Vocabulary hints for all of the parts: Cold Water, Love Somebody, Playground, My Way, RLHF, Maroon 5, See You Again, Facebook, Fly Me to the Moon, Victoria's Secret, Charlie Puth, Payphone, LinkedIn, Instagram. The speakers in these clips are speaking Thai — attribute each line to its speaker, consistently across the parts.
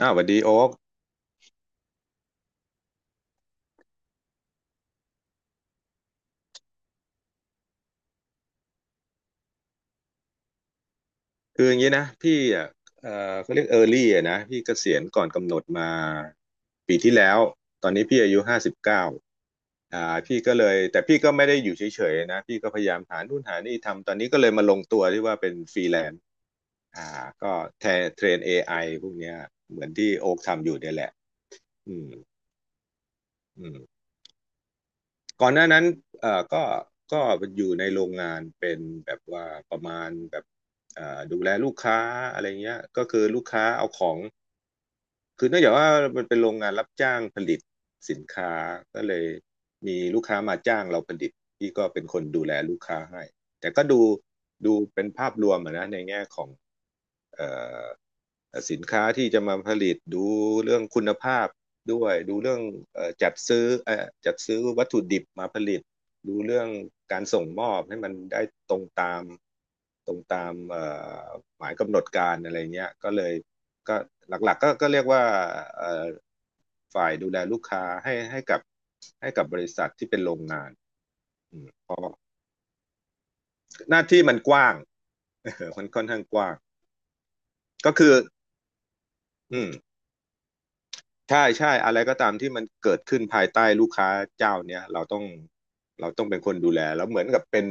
Speaker 1: อ้าวสวัสดีโอ๊คคืออย่างนี้นะพี่อ่ะเขาเรียกเออร์ลี่อ่ะนะพี่เกษียณก่อนกำหนดมาปีที่แล้วตอนนี้พี่อายุ59พี่ก็เลยแต่พี่ก็ไม่ได้อยู่เฉยๆนะพี่ก็พยายามหานู่นหานี่ทำตอนนี้ก็เลยมาลงตัวที่ว่าเป็นฟรีแลนซ์อ่าก็แทนเทรน AI พวกเนี้ยเหมือนที่โอ๊คทำอยู่เนี่ยแหละอืมอืม ก่อนหน้านั้นเอ่อก็ก็อยู่ในโรงงานเป็นแบบว่าประมาณแบบดูแลลูกค้าอะไรเงี้ยก็คือลูกค้าเอาของคือเนื่องจากว่ามันเป็นโรงงานรับจ้างผลิตสินค้าก็เลยมีลูกค้ามาจ้างเราผลิตพี่ก็เป็นคนดูแลลูกค้าให้แต่ก็ดูดูเป็นภาพรวมอะนะในแง่ของเอ่อ สินค้าที่จะมาผลิตดูเรื่องคุณภาพด้วยดูเรื่องจัดซื้อจัดซื้อวัตถุดิบมาผลิตดูเรื่องการส่งมอบให้มันได้ตรงตามตรงตามหมายกำหนดการอะไรเงี้ยก็เลยก็หลักๆก็เรียกว่าฝ่ายดูแลลูกค้าให้ให้กับบริษัทที่เป็นโรงงานเพราะหน้าที่มันกว้าง มันค่อนข้างกว้างก็คืออืม ใช่ใช่อะไรก็ตามที่มันเกิดขึ้นภายใต้ลูกค้าเจ้าเนี้ยเราต้องเป็นคนดูแลแล้วเหมือนกับเป็น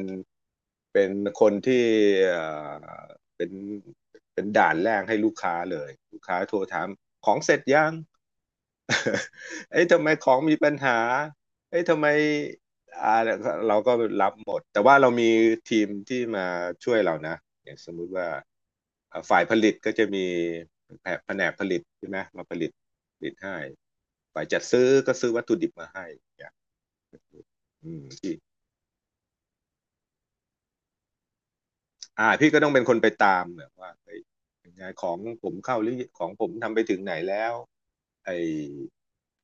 Speaker 1: เป็นคนที่เอ่อเป็นเป็นด่านแรกให้ลูกค้าเลยลูกค้าโทรถามของเสร็จยัง เอ้ยทำไมของมีปัญหาเอ้ยทำไมอ่าเราก็รับหมดแต่ว่าเรามีทีมที่มาช่วยเรานะอย่างสมมุติว่าอ่าฝ่ายผลิตก็จะมีแผนกผลิตใช่ไหมมาผลิตผลิตให้ฝ่ายจัดซื้อก็ซื้อวัตถุดิบมาให้อย่างอืมพี่พี่ก็ต้องเป็นคนไปตามเนี่ยว่าเฮ้ยยังไงของผมเข้าหรือของผมทำไปถึงไหนแล้วไอ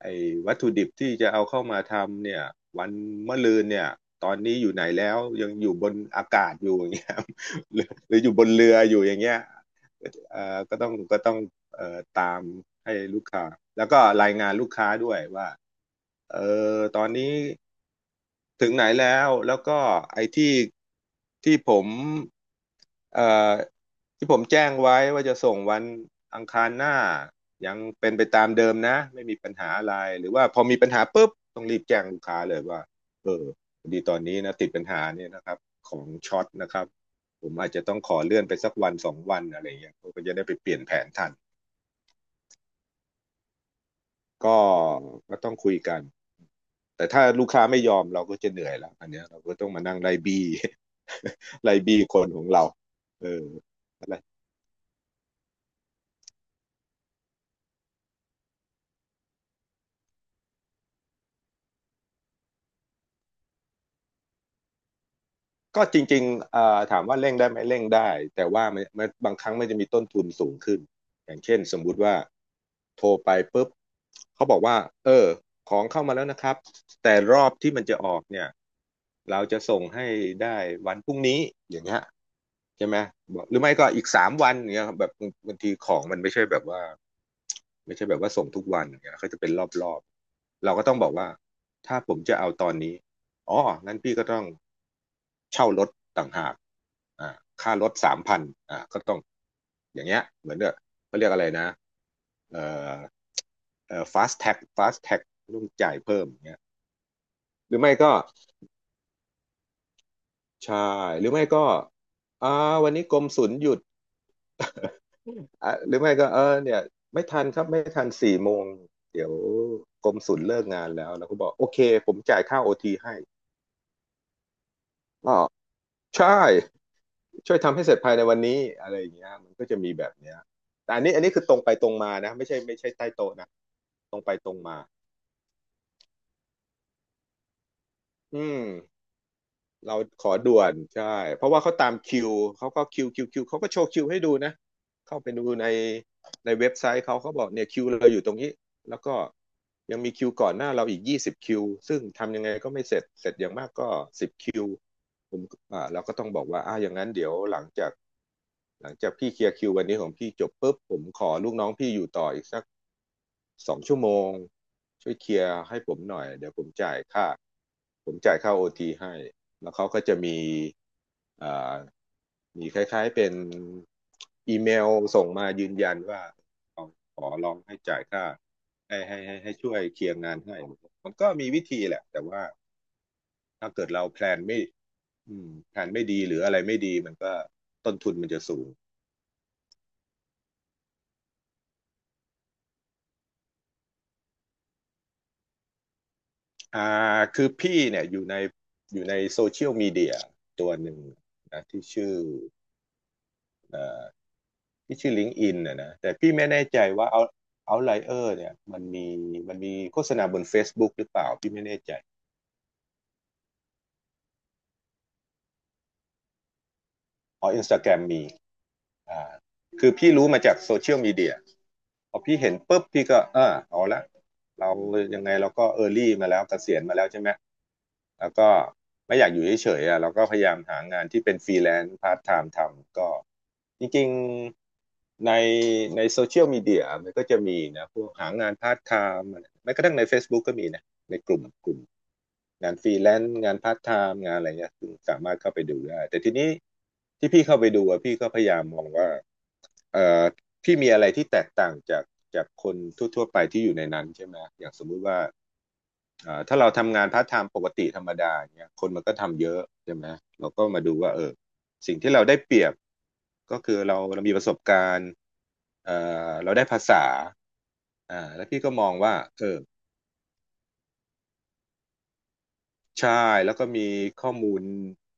Speaker 1: ไอ้วัตถุดิบที่จะเอาเข้ามาทำเนี่ยวันมะรืนเนี่ยตอนนี้อยู่ไหนแล้วยังอยู่บนอากาศอยู่อย่างเงี้ย หรือหรืออยู่บนเรืออยู่อย่างเงี้ยก็ต้องตามให้ลูกค้าแล้วก็รายงานลูกค้าด้วยว่าเออตอนนี้ ถึงไหนแล้วแล้วก็ไอ้ที่ที่ผมเอ่อที่ผมแจ้งไว้ว่าจะส่งวันอังคารหน้ายังเป็นไปตามเดิมนะไม่มีปัญหาอะไรหรือว่าพอมีปัญหาปุ๊บต้องรีบแจ้งลูกค้าเลยว่าเออพอดีตอนนี้นะติดปัญหาเนี่ยนะครับของช็อตนะครับผมอาจจะต้องขอเลื่อนไปสักวันสองวันอะไรอย่างเงี้ยเขาก็จะได้ไปเปลี่ยนแผนทัน ก็ก็ต้องคุยกันแต่ถ้าลูกค้าไม่ยอมเราก็จะเหนื่อยแล้วอันเนี้ยเราก็ต้องมานั่งไล่บี้ ไล่บี้คนของเราเอออะไรก็จริงๆถามว่าเร่งได้ไหมเร่งได้แต่ว่ามันบางครั้งมันจะมีต้นทุนสูงขึ้นอย่างเช่นสมมุติว่าโทรไปปุ๊บเขาบอกว่าเออของเข้ามาแล้วนะครับแต่รอบที่มันจะออกเนี่ยเราจะส่งให้ได้วันพรุ่งนี้อย่างเงี้ย ใช่ไหมบอกหรือไม่ก็อีกสามวันอย่างเงี้ยครับแบบบางทีของมันไม่ใช่แบบว่าไม่ใช่แบบว่าส่งทุกวันอย่างเงี้ยเขาจะเป็นรอบๆเราก็ต้องบอกว่าถ้าผมจะเอาตอนนี้อ๋องั้นพี่ก็ต้องเช่ารถต่างหากอ่าค่ารถ3,000อ่าก็ต้องอย่างเงี้ยเหมือนเด้อเขาเรียกอะไรนะเอ่อfast tag ต้องจ่ายเพิ่มอย่างเงี้ยหรือไม่ก็ใช่หรือไม่ก็อ่าวันนี้กรมศุลหยุด อ่ะหรือไม่ก็เออเนี่ยไม่ทันครับไม่ทันสี่โมงเดี๋ยวกรมศุลเลิกงานแล้วแเราก็บอกโอเคผมจ่ายค่าโอทีให้อ๋อใช่ช่วยทำให้เสร็จภายในวันนี้อะไรอย่างเงี้ยมันก็จะมีแบบเนี้ยแต่อันนี้อันนี้คือตรงไปตรงมานะไม่ใช่ไม่ใช่ใต้โต๊ะนะตรงไปตรงมาอืม เราขอด่วนใช่เพราะว่าเขาตามคิวเขาก็คิวเขาก็โชว์คิวให้ดูนะเข้าไปดูในในเว็บไซต์เขาเขาบอกเนี่ยคิวเราอยู่ตรงนี้แล้วก็ยังมีคิวก่อนหน้าเราอีก20คิวซึ่งทำยังไงก็ไม่เสร็จเสร็จอย่างมากก็สิบคิวผมอ่าเราก็ต้องบอกว่าอ่าอย่างนั้นเดี๋ยวหลังจากพี่เคลียร์คิววันนี้ของพี่จบปุ๊บผมขอลูกน้องพี่อยู่ต่ออีกสัก สองชั่วโมงช่วยเคลียร์ให้ผมหน่อยเดี๋ยวผมจ่ายค่าผมจ่ายค่าโอทีให้แล้วเขาก็จะมีอ่ามีคล้ายๆเป็นอีเมลส่งมายืนยันว่าขอขอลองให้จ่ายค่าให้ช่วยเคลียร์งานให้มันก็มีวิธีแหละแต่ว่าถ้าเกิดเราแพลนไม่แผนไม่ดีหรืออะไรไม่ดีมันก็ต้นทุนมันจะสูง คือพี่เนี่ยอยู่ในอยู่ในโซเชียลมีเดียตัวหนึ่งนะที่ชื่อเอ่อที่ชื่อ LinkedIn นนะนะแต่พี่ไม่แน่ใจว่าเอาเอาไลเออร์เนี่ยมันมีมันมีโฆษณาบน Facebook หรือเปล่าพี่ไม่แน่ใจ อ๋ออินสตาแกรมมีอ่าคือพี่รู้มาจากโซเชียลมีเดียพอพี่เห็นปุ๊บพี่ก็เออเอาละเรายังไงเราก็เออร์ลี่มาแล้วเกษียณมาแล้วใช่ไหมแล้วก็ไม่อยากอยู่เฉยๆอ่ะเราก็พยายามหางานที่เป็นฟรีแลนซ์พาร์ทไทม์ทำก็จริงๆในในโซเชียลมีเดียมันก็จะมีนะพวกหางานพาร์ทไทม์แม้กระทั่งใน Facebook ก็มีนะ ในกลุ่มงานฟรีแลนซ์งานพาร์ทไทม์งานอะไรเงี้ยซึ่งสามารถเข้าไปดูได้แต่ทีนี้ที่พี่เข้าไปดูอะพี่ก็พยายามมองว่าเอ่อพี่มีอะไรที่แตกต่างจากจากคนทั่วๆไปที่อยู่ในนั้นใช่ไหมอย่างสมมุติว่าถ้าเราทำงานพาร์ทไทม์ปกติธรรมดาเนี่ยคนมันก็ทำเยอะใช่ไหมเราก็มาดูว่าเออสิ่งที่เราได้เปรียบก็คือเรามีประสบการณ์เอ่เราได้ภาษาแล้วพี่ก็มองว่าเออ ใช่แล้วก็มีข้อมูล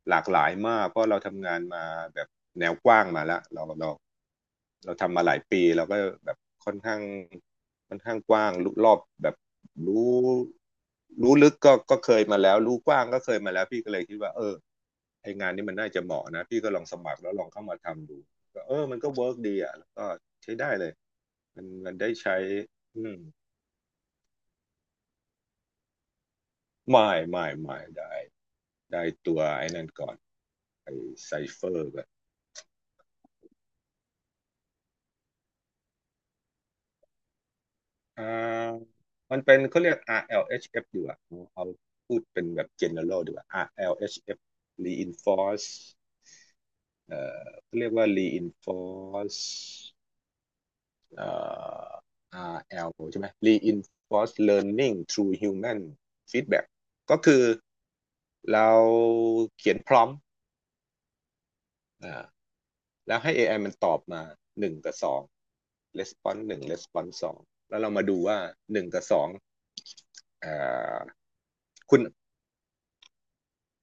Speaker 1: หลากหลายมากเพราะเราทำงานมาแบบแนวกว้างมาแล้วเราเราทำมาหลายปีเราก็แบบค่อนข้างค่อนข้างกว้างรู้รอบแบบรู้รู้ลึกก็เคยมาแล้วรู้กว้างก็เคยมาแล้วพี่ก็เลยคิดว่าเออไองานนี้มันน่าจะเหมาะนะพี่ก็ลองสมัครแล้วลองเข้ามาทำดูก็เออมันก็เวิร์กดีอ่ะแล้วก็ใช้ได้เลยมันได้ใช้อืมไม่ได้ได้ตัวไอ้นั่นก่อน ไอไซเฟอร์แบบอ่ามันเป็นเขาเรียก RLHF ดีกว่าเอาพูดเป็นแบบ general ดีกว่า RLHF reinforce เอ่เขาเรียกว่า reinforce เอ่อ RL ใช่ไหม reinforce learning through human feedback ก็คือเราเขียนพร้อมอ่าแล้วให้ AI มันตอบมาหนึ่งกับสอง response หนึ่ง response สองแล้วเรามาดูว่าหนึ่งกับสองเอ่อ คุณ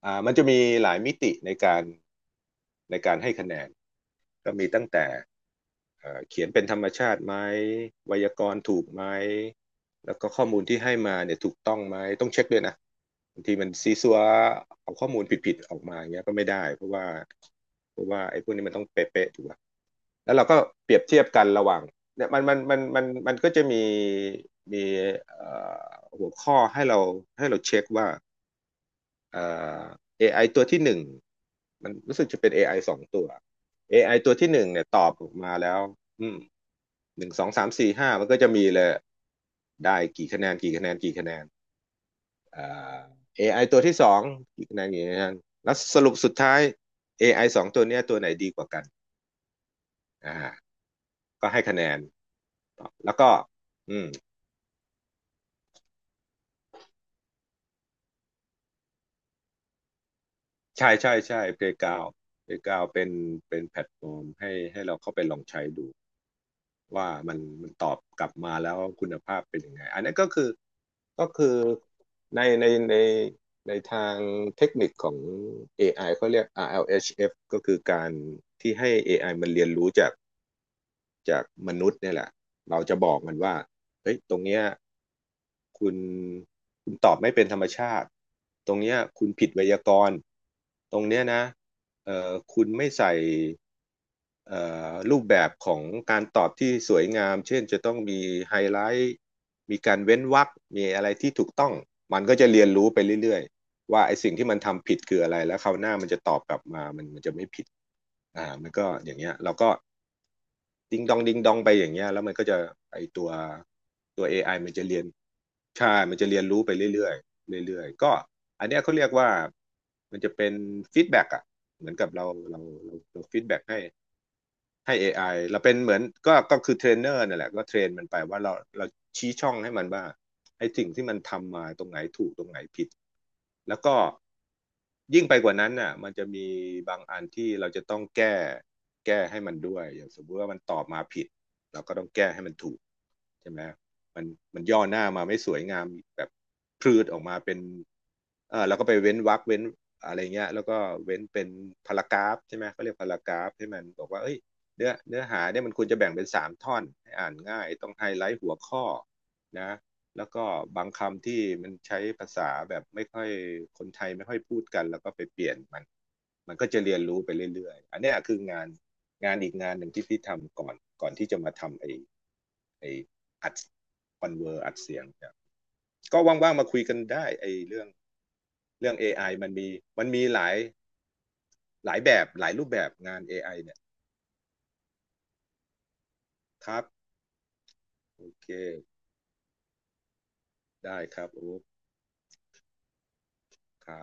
Speaker 1: มันจะมีหลายมิติในการในการให้คะแนนก็มีตั้งแต่เขียนเป็นธรรมชาติไหมไวยากรณ์ถูกไหมแล้วก็ข้อมูลที่ให้มาเนี่ยถูกต้องไหมต้องเช็คด้วยนะบางทีมันซีซัวเอาข้อมูลผิดๆออกมาอย่างเงี้ยก็ไม่ได้เพราะว่าเพราะว่าไอ้พวกนี้มันต้องเป๊ะๆถูกป่ะแล้วเราก็เปรียบเทียบกันระหว่างเนี่ยมันก็จะมีมีเอ่อหัวข้อให้เราให้เราเช็คว่า เอ่AI ตัวที่หนึ่งมันรู้สึกจะเป็น AI สองตัว AI ตัวที่หนึ่งเนี่ยตอบออกมาแล้วอืมหนึ่งสองสามสี่ห้ามันก็จะมีเลยได้กี่คะแนนกี่คะแนนเอ่อ AI ตัวที่สองกี่คะแนนกี่คะแนนแล้วสรุปสุดท้าย AI สองตัวเนี้ยตัวไหนดีกว่ากันอ่าก็ให้คะแนนแล้วก็อืมใช่ Playground Playground เป็นเป็นแพลตฟอร์มให้เราเข้าไปลองใช้ดู ว่ามันตอบกลับมาแล้วคุณภาพเป็นยังไงอันนี้ก็คือก็คือในในในในทางเทคนิคของ AI เขาเรียก RLHF ก็คือการที่ให้ AI มันเรียนรู้จากจากมนุษย์เนี่ยแหละเราจะบอกมันว่าเฮ้ยตรงเนี้ยคุณคุณตอบไม่เป็นธรรมชาติตรงเนี้ยคุณผิดไวยากรณ์ตรงเนี้ยนะคุณไม่ใส่ เอ่รูปแบบของการตอบที่สวยงามเช่นจะต้องมีไฮไลท์มีการเว้นวรรคมีอะไรที่ถูกต้องมันก็จะเรียนรู้ไปเรื่อยๆว่าไอ้สิ่งที่มันทำผิดคืออะไรแล้วคราวหน้ามันจะตอบกลับมามันจะไม่ผิดมันก็อย่างเงี้ยเราก็ดิงดองดิงดองไปอย่างเงี้ยแล้วมันก็จะไอ้ตัวตัว a อไอมันจะเรียนใช่มันจะเรียนรู้ไปเรื่อยๆเรื่อยๆก็อันเนี้ยเขาเรียกว่ามันจะเป็นฟีดแบ็กอะเหมือนกับเราเราเราฟีดแบ็กให้ ให้ AI เราเป็นเหมือนก็คือเทรนเนอร์นั่นแหละก็เทรนมันไปว่าเราชี้ช่องให้มันว่าไอ้สิ่งที่มันทำมาตรงไหนถูกตรงไหนผิดแล้วก็ยิ่งไปกว่านั้นน่ะมันจะมีบางอันที่เราจะต้องแก้แก้ให้มันด้วยอย่างสมมติว่ามันตอบมาผิดเราก็ต้องแก้ให้มันถูกใช่ไหมมันมันย่อหน้ามาไม่สวยงามแบบพืดออกมาเป็นเออเราก็ไปเว้นวรรคเว้นอะไรเงี้ยแล้วก็เว้นเป็นพารากราฟใช่ไหมเขาเรียกพารากราฟให้มันบอกว่าเอ้ย เนื้อหาเนี่ยมันควรจะแบ่งเป็นสามท่อนให้อ่านง่ายต้องไฮไลท์หัวข้อนะแล้วก็บางคำที่มันใช้ภาษาแบบไม่ค่อยคนไทยไม่ค่อยพูดกันแล้วก็ไปเปลี่ยนมันมันก็จะเรียนรู้ไปเรื่อยๆอันนี้คืองานอีกงานหนึ่งที่พี่ทำก่อนก่อนที่จะมาทำไอ้อัดคอนเวอร์อัดเสียงก็ว่างๆมาคุยกันได้ไอ้เรื่องเรื่อง AI มันมีมันมีหลายแบบหลายรูปแบบงานเอไอเนี่ยครับโอเคได้ครับโอ้ ครับ